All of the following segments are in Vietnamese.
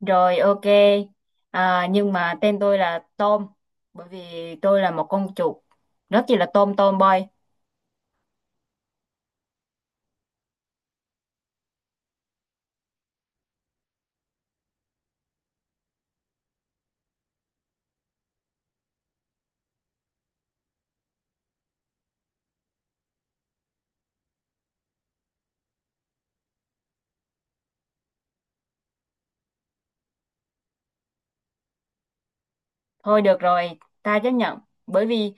Rồi, ok. À, nhưng mà tên tôi là Tôm, bởi vì tôi là một con chuột rất chỉ là tôm tôm boy. Thôi được rồi, ta chấp nhận, bởi vì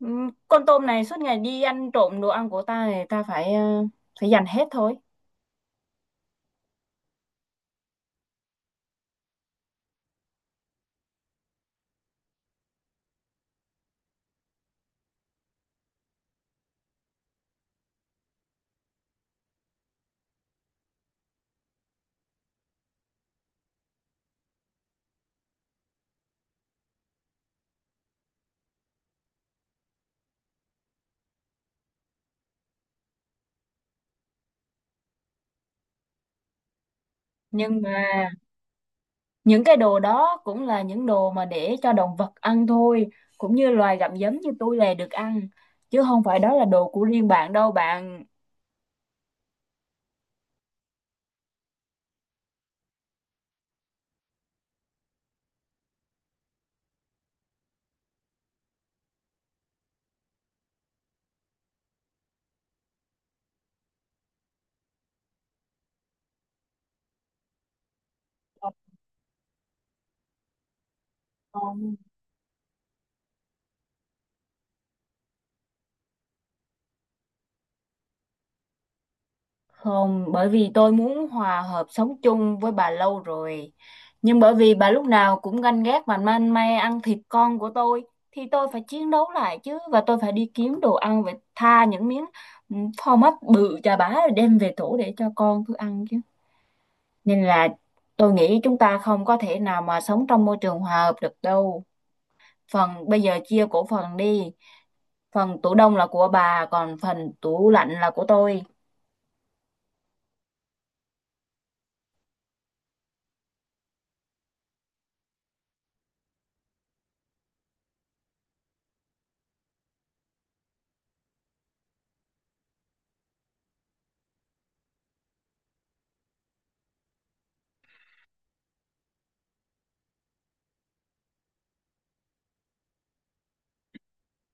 con tôm này suốt ngày đi ăn trộm đồ ăn của ta thì ta phải phải dành hết thôi. Nhưng mà những cái đồ đó cũng là những đồ mà để cho động vật ăn thôi, cũng như loài gặm nhấm như tôi là được ăn, chứ không phải đó là đồ của riêng bạn đâu bạn. Ờ, không, bởi vì tôi muốn hòa hợp sống chung với bà lâu rồi. Nhưng bởi vì bà lúc nào cũng ganh ghét và man may ăn thịt con của tôi, thì tôi phải chiến đấu lại chứ. Và tôi phải đi kiếm đồ ăn và tha những miếng ừ, phô mát bự chà bá rồi đem về tổ để cho con tôi ăn chứ. Nên là tôi nghĩ chúng ta không có thể nào mà sống trong môi trường hòa hợp được đâu. Phần bây giờ chia cổ phần đi. Phần tủ đông là của bà, còn phần tủ lạnh là của tôi.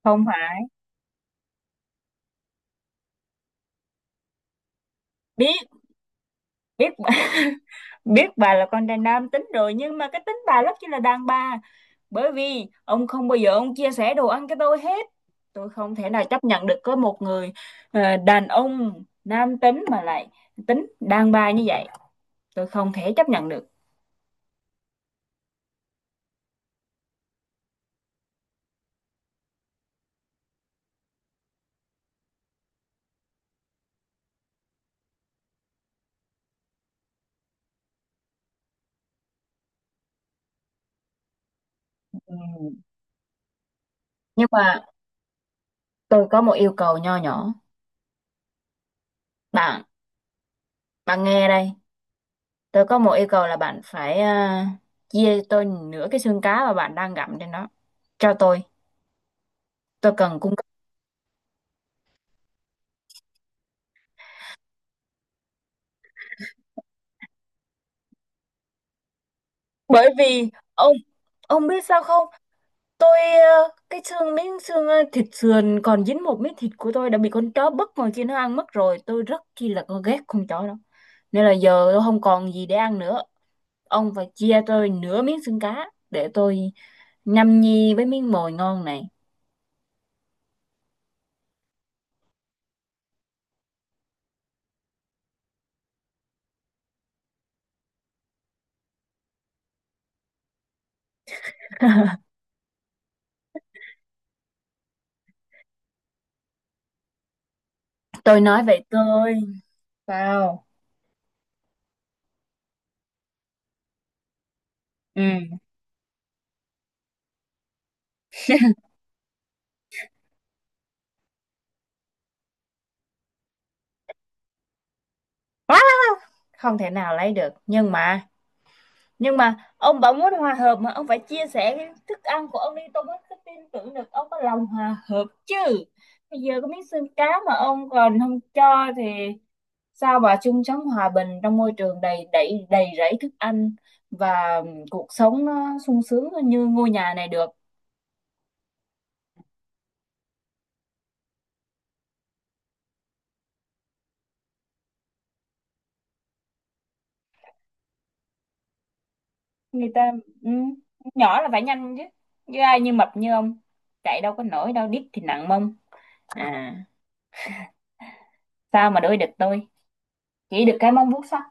Không phải. Biết, biết, biết bà là con trai nam tính rồi, nhưng mà cái tính bà rất chi là đàn bà. Bởi vì ông không bao giờ ông chia sẻ đồ ăn cho tôi hết, tôi không thể nào chấp nhận được có một người đàn ông nam tính mà lại tính đàn bà như vậy. Tôi không thể chấp nhận được. Ừ, nhưng mà tôi có một yêu cầu nho nhỏ. Bạn, bạn nghe đây. Tôi có một yêu cầu là bạn phải chia tôi nửa cái xương cá mà bạn đang gặm trên đó cho tôi. Tôi cần cung cấp. Bởi vì ông biết sao không, tôi cái xương miếng xương thịt sườn còn dính một miếng thịt của tôi đã bị con chó bất ngờ kia nó ăn mất rồi. Tôi rất chi là con ghét con chó đó. Nên là giờ tôi không còn gì để ăn nữa. Ông phải chia tôi nửa miếng xương cá để tôi nhâm nhi với miếng mồi ngon này. Tôi nói vậy tôi vào. Ừ, quá, không thể nào lấy được, nhưng mà ông bảo muốn hòa hợp mà ông phải chia sẻ cái thức ăn của ông đi, tôi mới cứ tin tưởng được ông có lòng hòa hợp chứ. Bây giờ có miếng xương cá mà ông còn không cho thì sao mà chung sống hòa bình trong môi trường đầy đầy đầy rẫy thức ăn và cuộc sống nó sung sướng như ngôi nhà này được. Người ta, ừ, nhỏ là phải nhanh chứ. Như ai như mập như ông chạy đâu có nổi, đâu đít thì nặng mông. À, sao mà đuổi địch tôi, chỉ được cái mông vuốt sắt.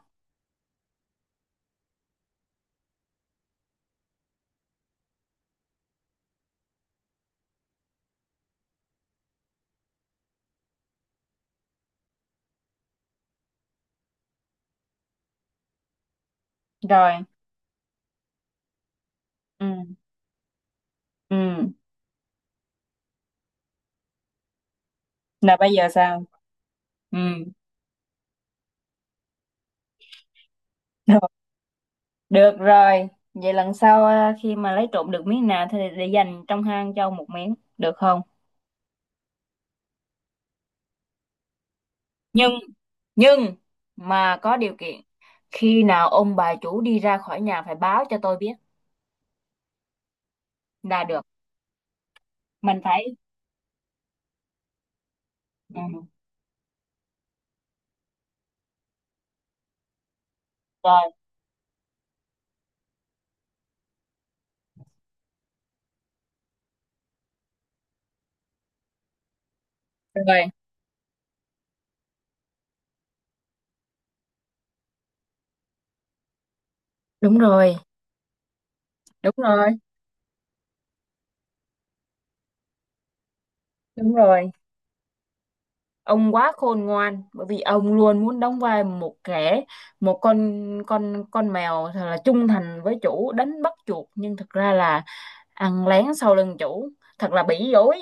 Rồi. Ừ. Ừ. Là bây giờ sao? Ừ, được, được rồi. Vậy lần sau khi mà lấy trộm được miếng nào thì để dành trong hang cho ông một miếng được không? Nhưng nhưng mà có điều kiện, khi nào ông bà chủ đi ra khỏi nhà phải báo cho tôi biết là được. Mình phải. Ừ. Rồi. Rồi. Đúng rồi. Đúng rồi. Đúng rồi. Ông quá khôn ngoan, bởi vì ông luôn muốn đóng vai một kẻ, một con mèo thật là trung thành với chủ đánh bắt chuột, nhưng thật ra là ăn lén sau lưng chủ. Thật là bỉ dối.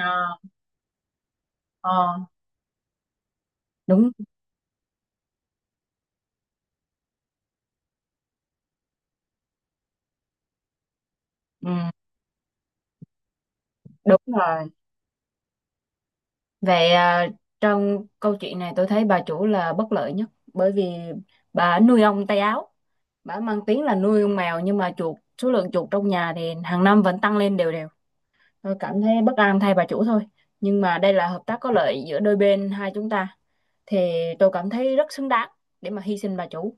Ờ, ờ, đúng. Ừ, đúng rồi. Vậy à, trong câu chuyện này tôi thấy bà chủ là bất lợi nhất, bởi vì bà nuôi ong tay áo. Bà mang tiếng là nuôi ong mèo nhưng mà chuột, số lượng chuột trong nhà thì hàng năm vẫn tăng lên đều đều. Tôi cảm thấy bất an thay bà chủ thôi. Nhưng mà đây là hợp tác có lợi giữa đôi bên hai chúng ta. Thì tôi cảm thấy rất xứng đáng để mà hy sinh bà chủ.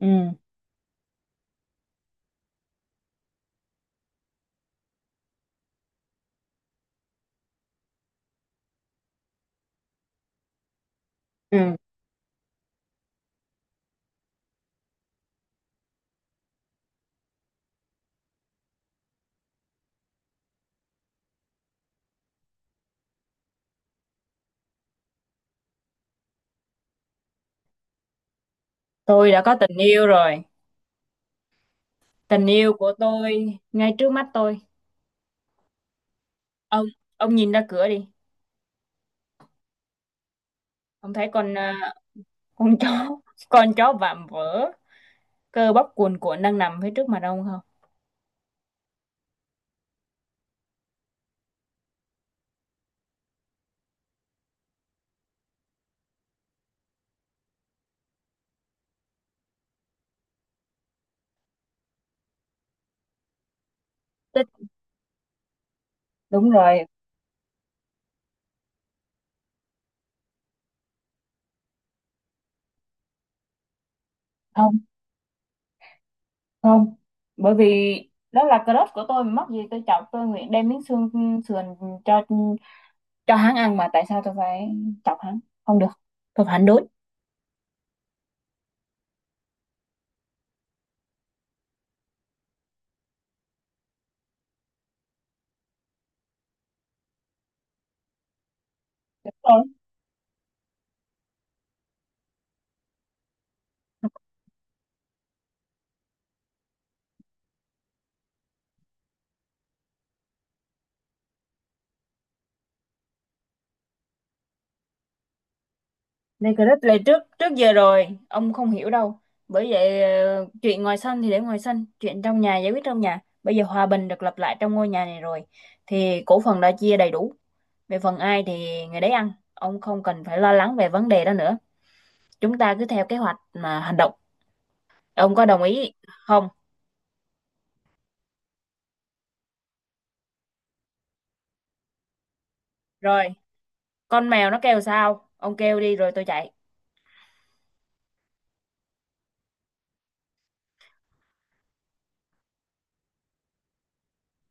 Ừ, ừ. Tôi đã có tình yêu rồi. Tình yêu của tôi ngay trước mắt tôi. Ông, ông nhìn ra cửa đi. Ông thấy con à, con chó, con chó vạm vỡ, cơ bắp cuồn cuộn đang nằm phía trước mặt ông không? Tích- đúng rồi, không, không. Bởi vì đó là crush của tôi mà mắc gì tôi chọc. Tôi nguyện đem miếng xương sườn cho cho hắn ăn mà tại sao tôi phải chọc hắn. Không được, tôi phản đối. Ôi, đây crush là trước trước giờ rồi, ông không hiểu đâu. Bởi vậy chuyện ngoài sân thì để ngoài sân, chuyện trong nhà giải quyết trong nhà. Bây giờ hòa bình được lập lại trong ngôi nhà này rồi thì cổ phần đã chia đầy đủ. Về phần ai thì người đấy ăn, ông không cần phải lo lắng về vấn đề đó nữa. Chúng ta cứ theo kế hoạch mà hành động. Ông có đồng ý không? Rồi, con mèo nó kêu sao? Ông kêu đi rồi tôi chạy.